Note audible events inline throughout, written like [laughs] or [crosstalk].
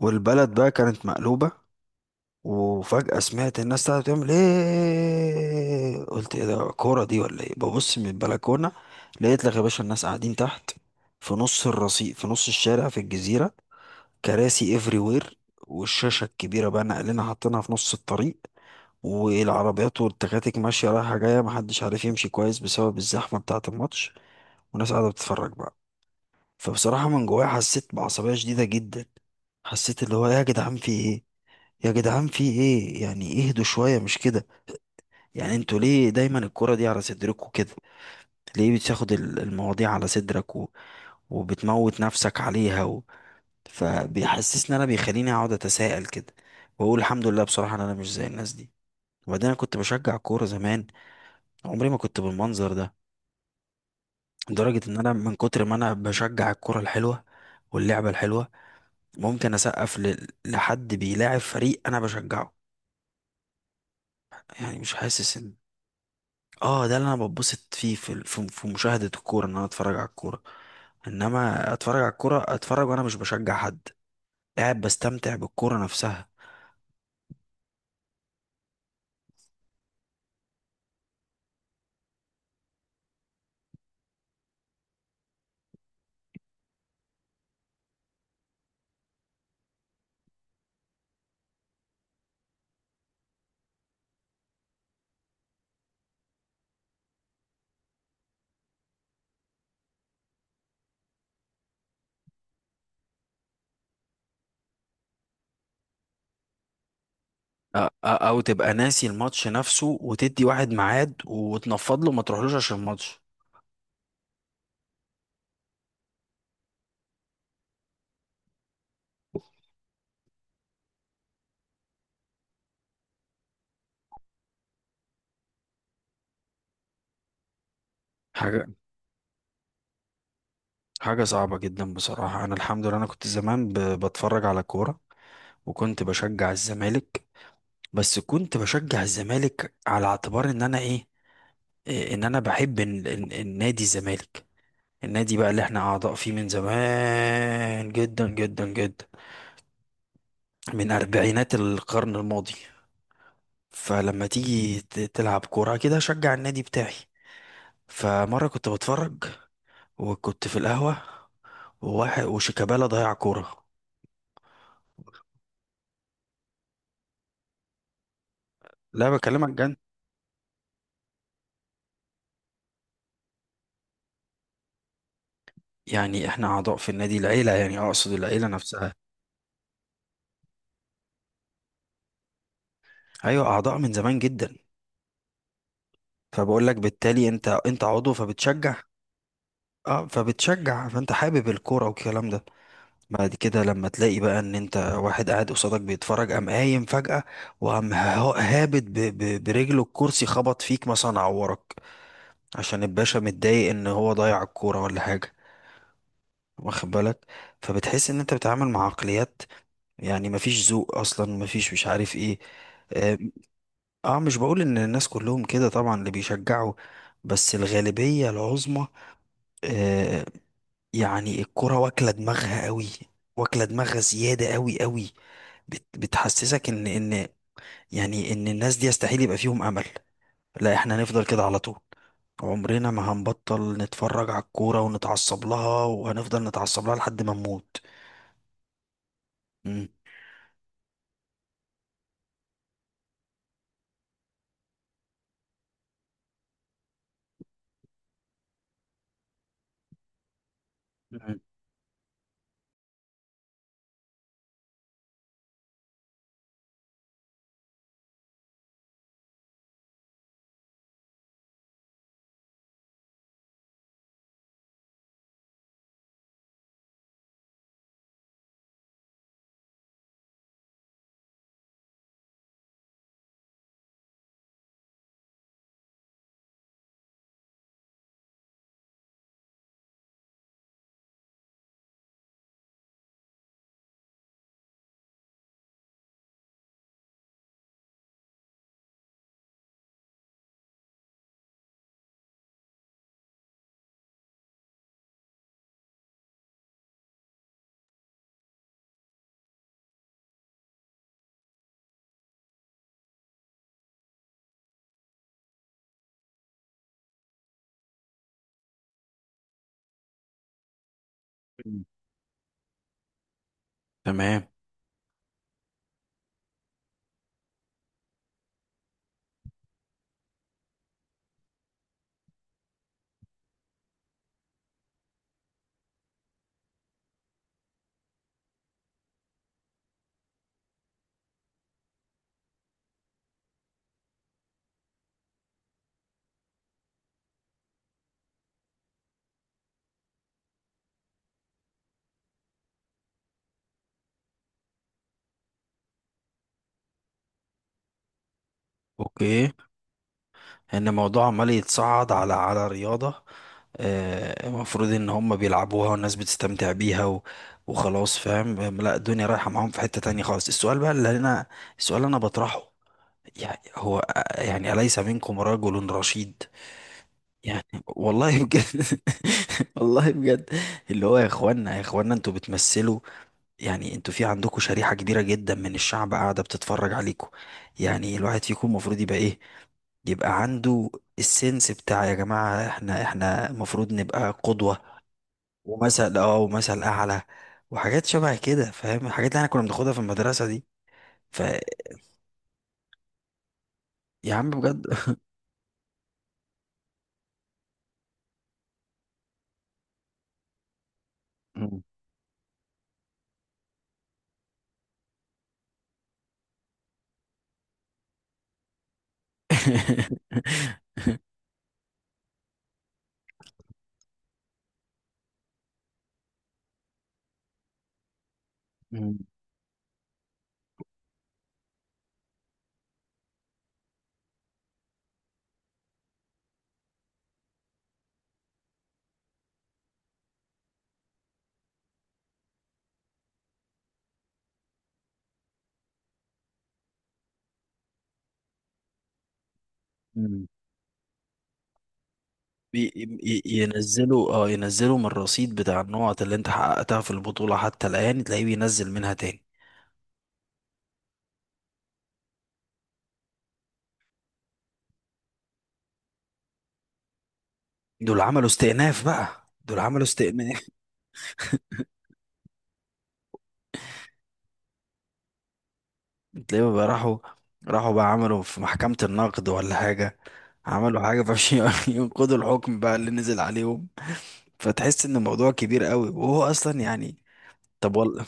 والبلد بقى كانت مقلوبة. وفجأة سمعت الناس قاعدة بتعمل ايه، قلت ايه ده؟ كورة دي ولا ايه؟ ببص من البلكونة لقيت لك يا باشا الناس قاعدين تحت، في نص الرصيف، في نص الشارع، في الجزيرة، كراسي افري وير، والشاشة الكبيرة بقى ناقلينها حاطينها في نص الطريق، والعربيات والتكاتك ماشية رايحة جاية، محدش عارف يمشي كويس بسبب الزحمة بتاعة الماتش، والناس قاعدة بتتفرج بقى. فبصراحة من جوايا حسيت بعصبية شديدة جدا. حسيت اللي هو إيه، يا جدعان في ايه، يا جدعان في ايه؟ يعني اهدوا شوية، مش كده؟ يعني انتوا ليه دايما الكرة دي على صدركوا كده؟ ليه بتاخد المواضيع على صدرك وبتموت نفسك عليها فبيحسسني بيخليني اقعد اتساءل كده، واقول الحمد لله بصراحة ان انا مش زي الناس دي. وبعدين انا كنت بشجع الكورة زمان، عمري ما كنت بالمنظر ده، لدرجة ان انا من كتر ما انا بشجع الكرة الحلوة واللعبة الحلوة ممكن اسقف لحد بيلاعب فريق انا بشجعه. يعني مش حاسس ان اه، ده اللي انا بتبسط فيه في مشاهدة الكورة، ان انا اتفرج على الكورة. انما اتفرج على الكورة، اتفرج وانا مش بشجع حد، قاعد بستمتع بالكورة نفسها. او تبقى ناسي الماتش نفسه وتدي واحد ميعاد وتنفض له، ما تروحلوش عشان الماتش. حاجة، حاجة صعبة جدا بصراحة. انا الحمد لله انا كنت زمان بتفرج على كورة، وكنت بشجع الزمالك. بس كنت بشجع الزمالك على اعتبار ان انا ايه، إيه، ان انا بحب النادي الزمالك. النادي بقى اللي احنا اعضاء فيه من زمان جدا جدا جدا، من اربعينات القرن الماضي. فلما تيجي تلعب كورة كده، شجع النادي بتاعي. فمرة كنت بتفرج وكنت في القهوة، وواحد وشيكابالا ضيع كورة. لا بكلمك جد. يعني احنا اعضاء في النادي، العيلة، يعني اقصد العيلة نفسها. ايوه اعضاء من زمان جدا. فبقول لك بالتالي انت، عضو فبتشجع. اه فبتشجع، فانت حابب الكورة والكلام ده. بعد كده لما تلاقي بقى ان انت واحد قاعد قصادك بيتفرج، قام قايم فجأة، وقام هابط برجله الكرسي، خبط فيك مثلا، عورك، عشان الباشا متضايق ان هو ضيع الكورة ولا حاجة. واخد بالك؟ فبتحس ان انت بتتعامل مع عقليات. يعني مفيش ذوق اصلا، مفيش مش عارف ايه. اه. آه، مش بقول ان الناس كلهم كده طبعا اللي بيشجعوا، بس الغالبية العظمى. آه، يعني الكرة واكلة دماغها قوي، واكلة دماغها زيادة قوي قوي. بتحسسك ان ان يعني ان الناس دي يستحيل يبقى فيهم امل. لا، احنا هنفضل كده على طول، عمرنا ما هنبطل نتفرج على الكورة ونتعصب لها، وهنفضل نتعصب لها لحد ما نموت. مم. مم. تمام. اوكي. ان الموضوع عمال يتصعد على على رياضة. آه، المفروض ان هم بيلعبوها والناس بتستمتع بيها وخلاص، فاهم. آم، لا، الدنيا رايحة معاهم في حتة تانية خالص. السؤال اللي انا بطرحه، يعني هو آه، يعني أليس منكم رجل رشيد؟ يعني والله بجد. [laughs] والله بجد. اللي هو يا اخوانا، يا اخوانا انتوا بتمثلوا، يعني انتوا في عندكم شريحة كبيرة جدا من الشعب قاعدة بتتفرج عليكم. يعني الواحد فيكم المفروض يبقى ايه، يبقى عنده السنس بتاع يا جماعة احنا، احنا المفروض نبقى قدوة ومثل اه ومثل اعلى وحاجات شبه كده. فاهم الحاجات اللي احنا كنا بناخدها في المدرسة دي؟ فيا عم بجد. [laughs] مم. [laughs] مم. مم. ينزلوا، اه ينزلوا من الرصيد بتاع النقط اللي انت حققتها في البطولة حتى الآن، تلاقيه بينزل منها تاني. دول عملوا استئناف. تلاقيهم بقى راحوا، راحوا بقى عملوا في محكمة النقد ولا حاجة، عملوا حاجة فعشان [laughs] ينقضوا الحكم بقى اللي نزل عليهم. فتحس ان الموضوع كبير قوي وهو اصلا يعني. طب والله،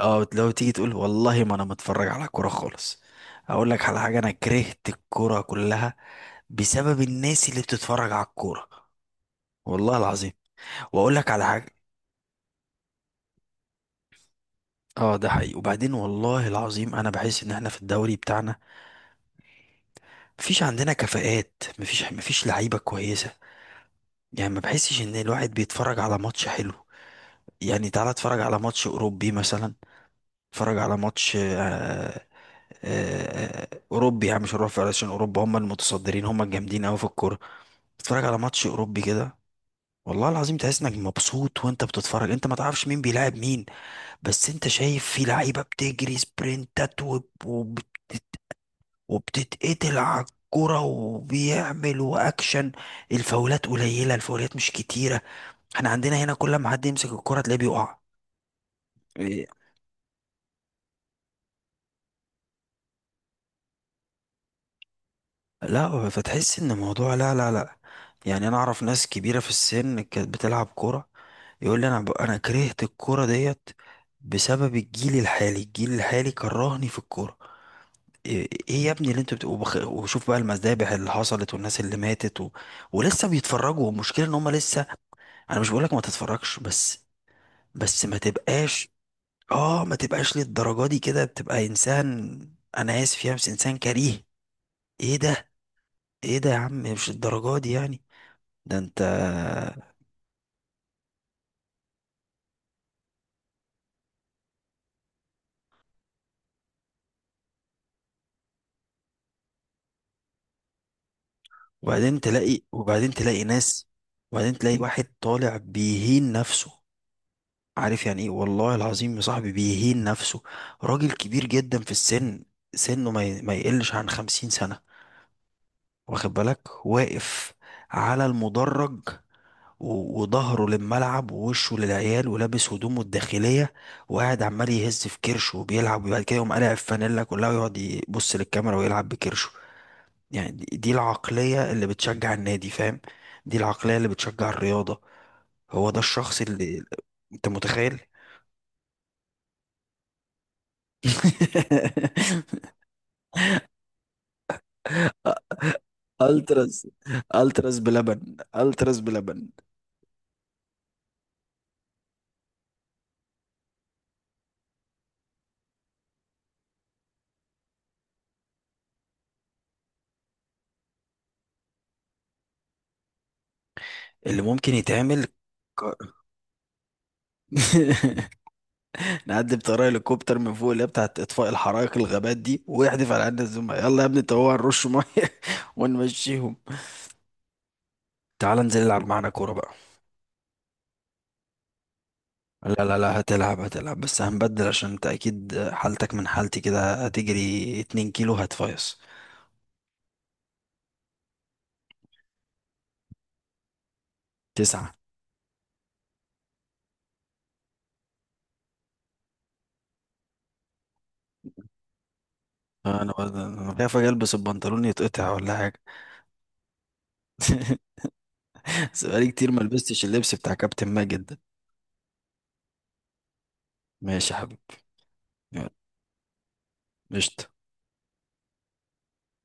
اه، لو تيجي تقول والله ما انا متفرج على كورة خالص، اقول لك على حاجة: انا كرهت الكورة كلها بسبب الناس اللي بتتفرج على الكورة. والله العظيم. واقول لك على حاجة. اه ده حقيقي. وبعدين والله العظيم انا بحس ان احنا في الدوري بتاعنا مفيش عندنا كفاءات، مفيش لعيبة كويسة. يعني ما بحسش ان الواحد بيتفرج على ماتش حلو. يعني تعالى اتفرج على ماتش اوروبي مثلا. اتفرج على ماتش اوروبي. يعني مش هنروح، عشان اوروبا هم المتصدرين، هم الجامدين قوي في الكوره. اتفرج على ماتش اوروبي كده، والله العظيم تحس انك مبسوط وانت بتتفرج. انت ما تعرفش مين بيلاعب مين، بس انت شايف في لعيبه بتجري سبرنتات وبتتقتل على الكرة وبيعمل واكشن. الفاولات قليله، الفاولات مش كتيره. احنا عندنا هنا كل ما حد يمسك الكرة تلاقيه بيقع. إيه، لا فتحس ان الموضوع، لا يعني، انا اعرف ناس كبيرة في السن كانت بتلعب كرة، يقول لي انا انا كرهت الكرة ديت بسبب الجيل الحالي. الجيل الحالي كرهني في الكورة. ايه، إيه يا ابني اللي انتوا بتبقوا وشوف بقى المذابح اللي حصلت والناس اللي ماتت ولسه بيتفرجوا. والمشكلة ان هم لسه. انا مش بقولك ما تتفرجش، بس بس ما تبقاش. اه، ما تبقاش للدرجة دي كده، بتبقى انسان، انا اسف يا بس، انسان كريه. ايه ده؟ ايه ده يا عم؟ مش الدرجات دي يعني. ده انت، وبعدين تلاقي، وبعدين تلاقي ناس، وبعدين تلاقي واحد طالع بيهين نفسه. عارف يعني ايه والله العظيم يا صاحبي بيهين نفسه؟ راجل كبير جدا في السن، سنه ما ما يقلش عن خمسين سنة، واخد بالك، واقف على المدرج وظهره للملعب ووشه للعيال، ولابس هدومه الداخلية، وقاعد عمال يهز في كرشه وبيلعب، وبعد كده يقوم قالع الفانيلا كلها، ويقعد يبص للكاميرا ويلعب بكرشه. يعني دي العقلية اللي بتشجع النادي، فاهم؟ دي العقلية اللي بتشجع الرياضة. هو ده الشخص اللي، انت متخيل؟ [laughs] التراس، التراس بلبن. اللي ممكن يتعمل، ك- [laughs] نعدي بطريقه هليكوبتر من فوق، اللي هي بتاعت اطفاء الحرائق الغابات دي، ويحدف على عيننا الزملاء، يلا يا ابني طوع نرش ميه. [laughs] ونمشيهم. تعال انزل العب معانا كوره بقى. لا، هتلعب، هتلعب. بس هنبدل، عشان انت اكيد حالتك من حالتي كده، هتجري 2 كيلو هتفيص. تسعة. انا خايف اجي البس البنطلون يتقطع ولا حاجه. [laughs] بس بقالي كتير ما لبستش اللبس بتاع كابتن ماجد ده. ماشي يا حبيبي. يلا. قشطة.